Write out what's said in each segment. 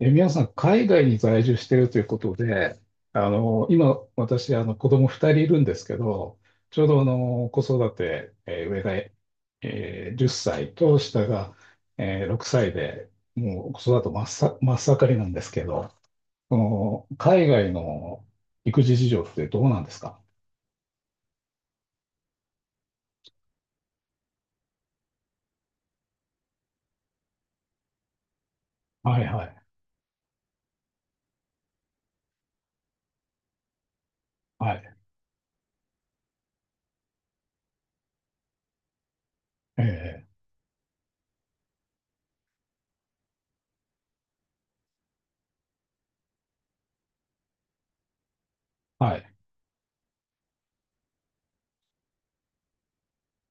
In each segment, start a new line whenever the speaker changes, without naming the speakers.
皆さん、海外に在住してるということで、今、私、子供2人いるんですけど、ちょうど、子育て、上が、10歳と下が、6歳で、もう子育て真っ盛りなんですけど、その、海外の育児事情ってどうなんですか？はいはい、はい、ええ、はい、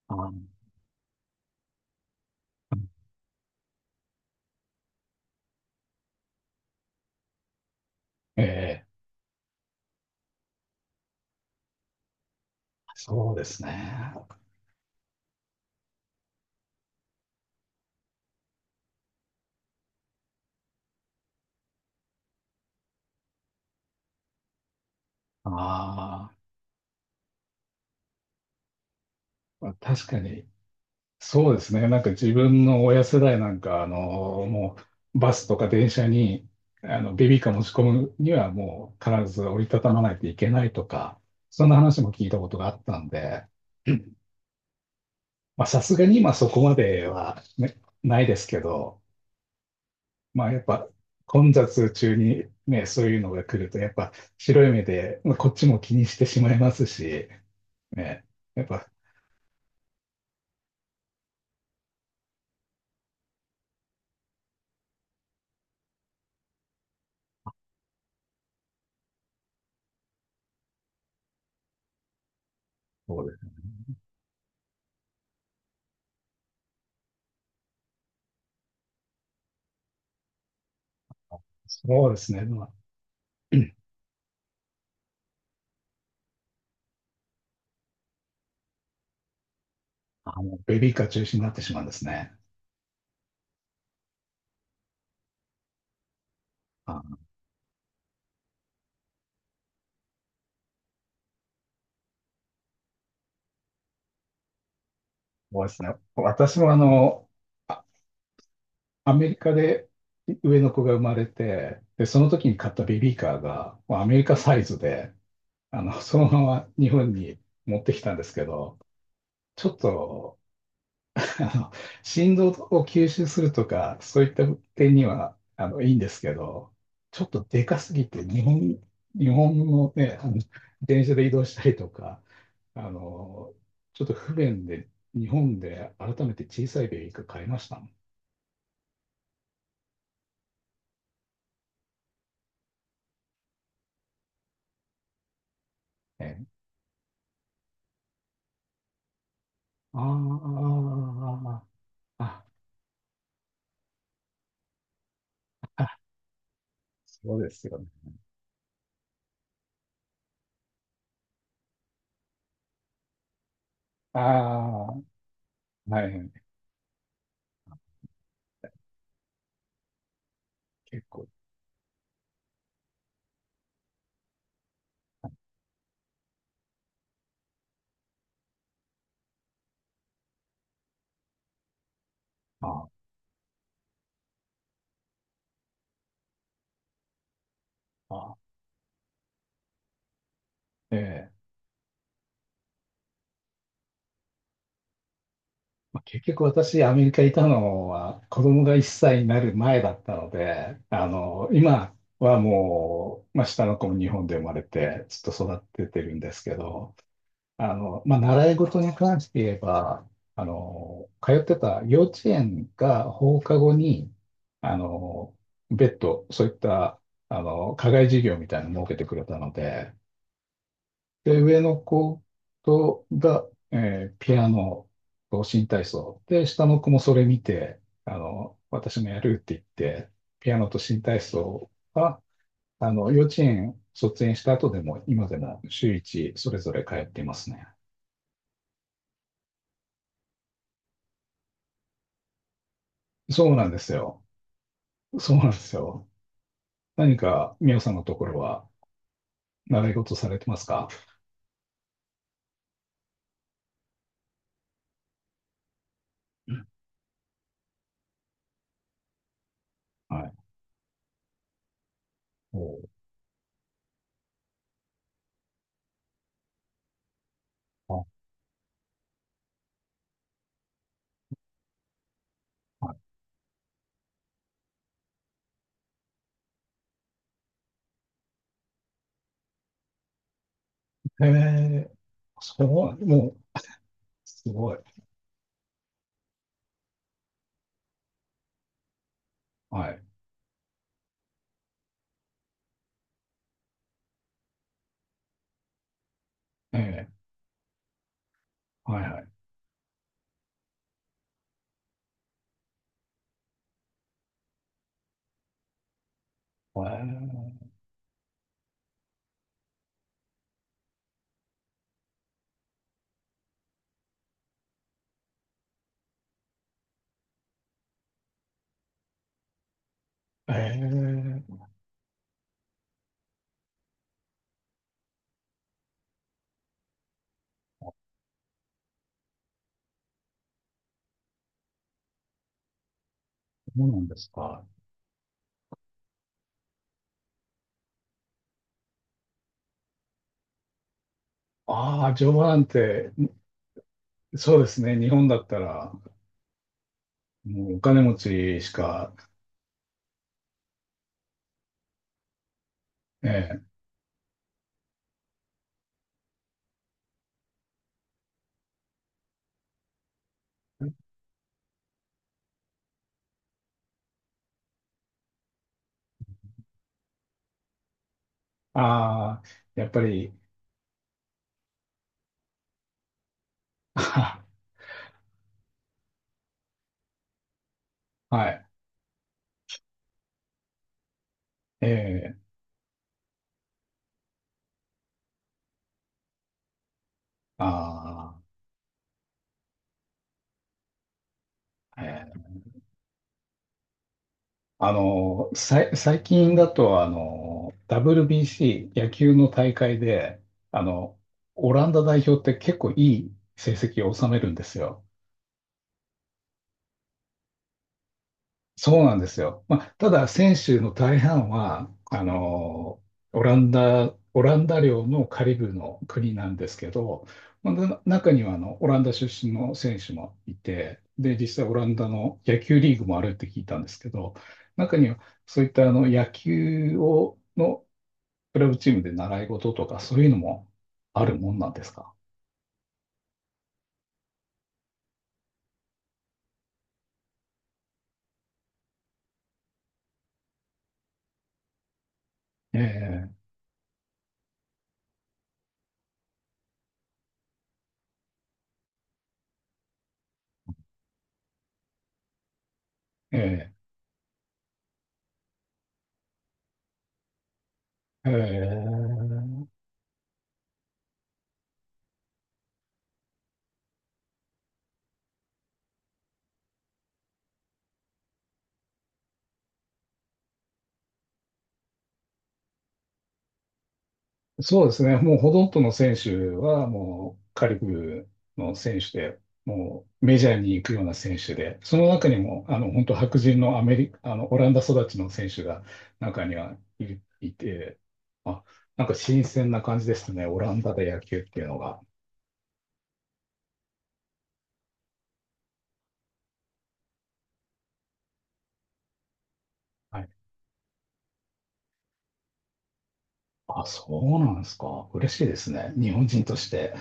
あ、ええ、そうですね。ああ、確かに。そうですね。なんか自分の親世代なんか、もうバスとか電車に、ベビーカー持ち込むにはもう必ず折りたたまないといけないとか、そんな話も聞いたことがあったんで、まあさすがに今そこまでは、ね、ないですけど、まあやっぱ混雑中にね、そういうのが来ると、やっぱ白い目で、まあ、こっちも気にしてしまいますし、ね、やっぱそうでそうですね。まあ、ベビーカー中止になってしまうんですね。そうですね。私もあアメリカで上の子が生まれて、で、その時に買ったベビーカーが、もうアメリカサイズで、そのまま日本に持ってきたんですけど、ちょっとあの、振動を吸収するとか、そういった点には、いいんですけど、ちょっとでかすぎて、日本のね、電車で移動したりとか、あの、ちょっと不便で、日本で改めて小さいベビーカー買いましたもんね。あー、ああ、あ、そうですよね。ああ、はい、結構。ああ、ええ。まあ結局私、アメリカにいたのは子供が1歳になる前だったので、今はもう、まあ、下の子も日本で生まれてずっと育ててるんですけど、まあ、習い事に関して言えば、通ってた幼稚園が放課後に、あの、別途、そういった、課外授業みたいなのを設けてくれたので、で、上の子とが、ピアノと新体操。で、下の子もそれ見て、私もやるって言って、ピアノと新体操は、幼稚園卒園した後でも、今でも週一それぞれ通っていますね。そうなんですよ。そうなんですよ。何か、みおさんのところは、習い事されてますか？はい。おー、あ、はい、ええ、そう、もう、すごい。はい。えー、はいはい。ええええ、そうなんですか。ああ、乗馬なんて。そうですね、日本だったら、もうお金持ちしか。ええ。ああ、やっぱり。あ、はい、ええ、ああ、ええ。最近だと、WBC 野球の大会で、あの、オランダ代表って結構いい成績を収めるんですよ。そうなんですよ。まあ、ただ、選手の大半は、オランダ領のカリブの国なんですけど、まあ、中にはオランダ出身の選手もいて、で、実際オランダの野球リーグもあるって聞いたんですけど、中にはそういった野球をのクラブチームで習い事とかそういうのもあるもんなんですか？ええ、ええ、ええ。そうですね。もうほとんどの選手はもうカリブルの選手で、もうメジャーに行くような選手で、その中にも、本当白人のアメリカ、あの、オランダ育ちの選手が中にはいいて、あ、なんか新鮮な感じですね。オランダで野球っていうのが。はい。あ、そうなんですか。嬉しいですね。日本人として。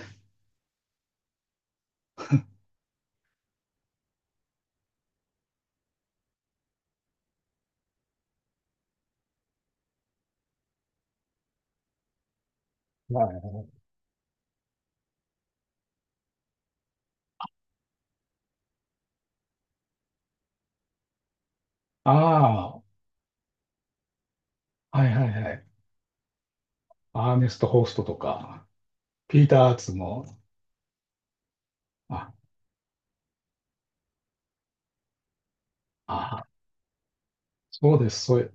はい。ああ、はいはいはい。アーネスト・ホーストとか、ピーター・アーツも。あ、ああ、そうです。そういう、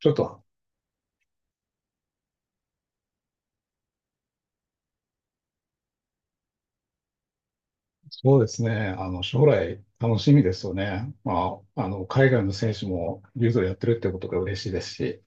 ちょっと、そうですね。将来楽しみですよね。まあ、海外の選手も柔道やってるってことが嬉しいですし。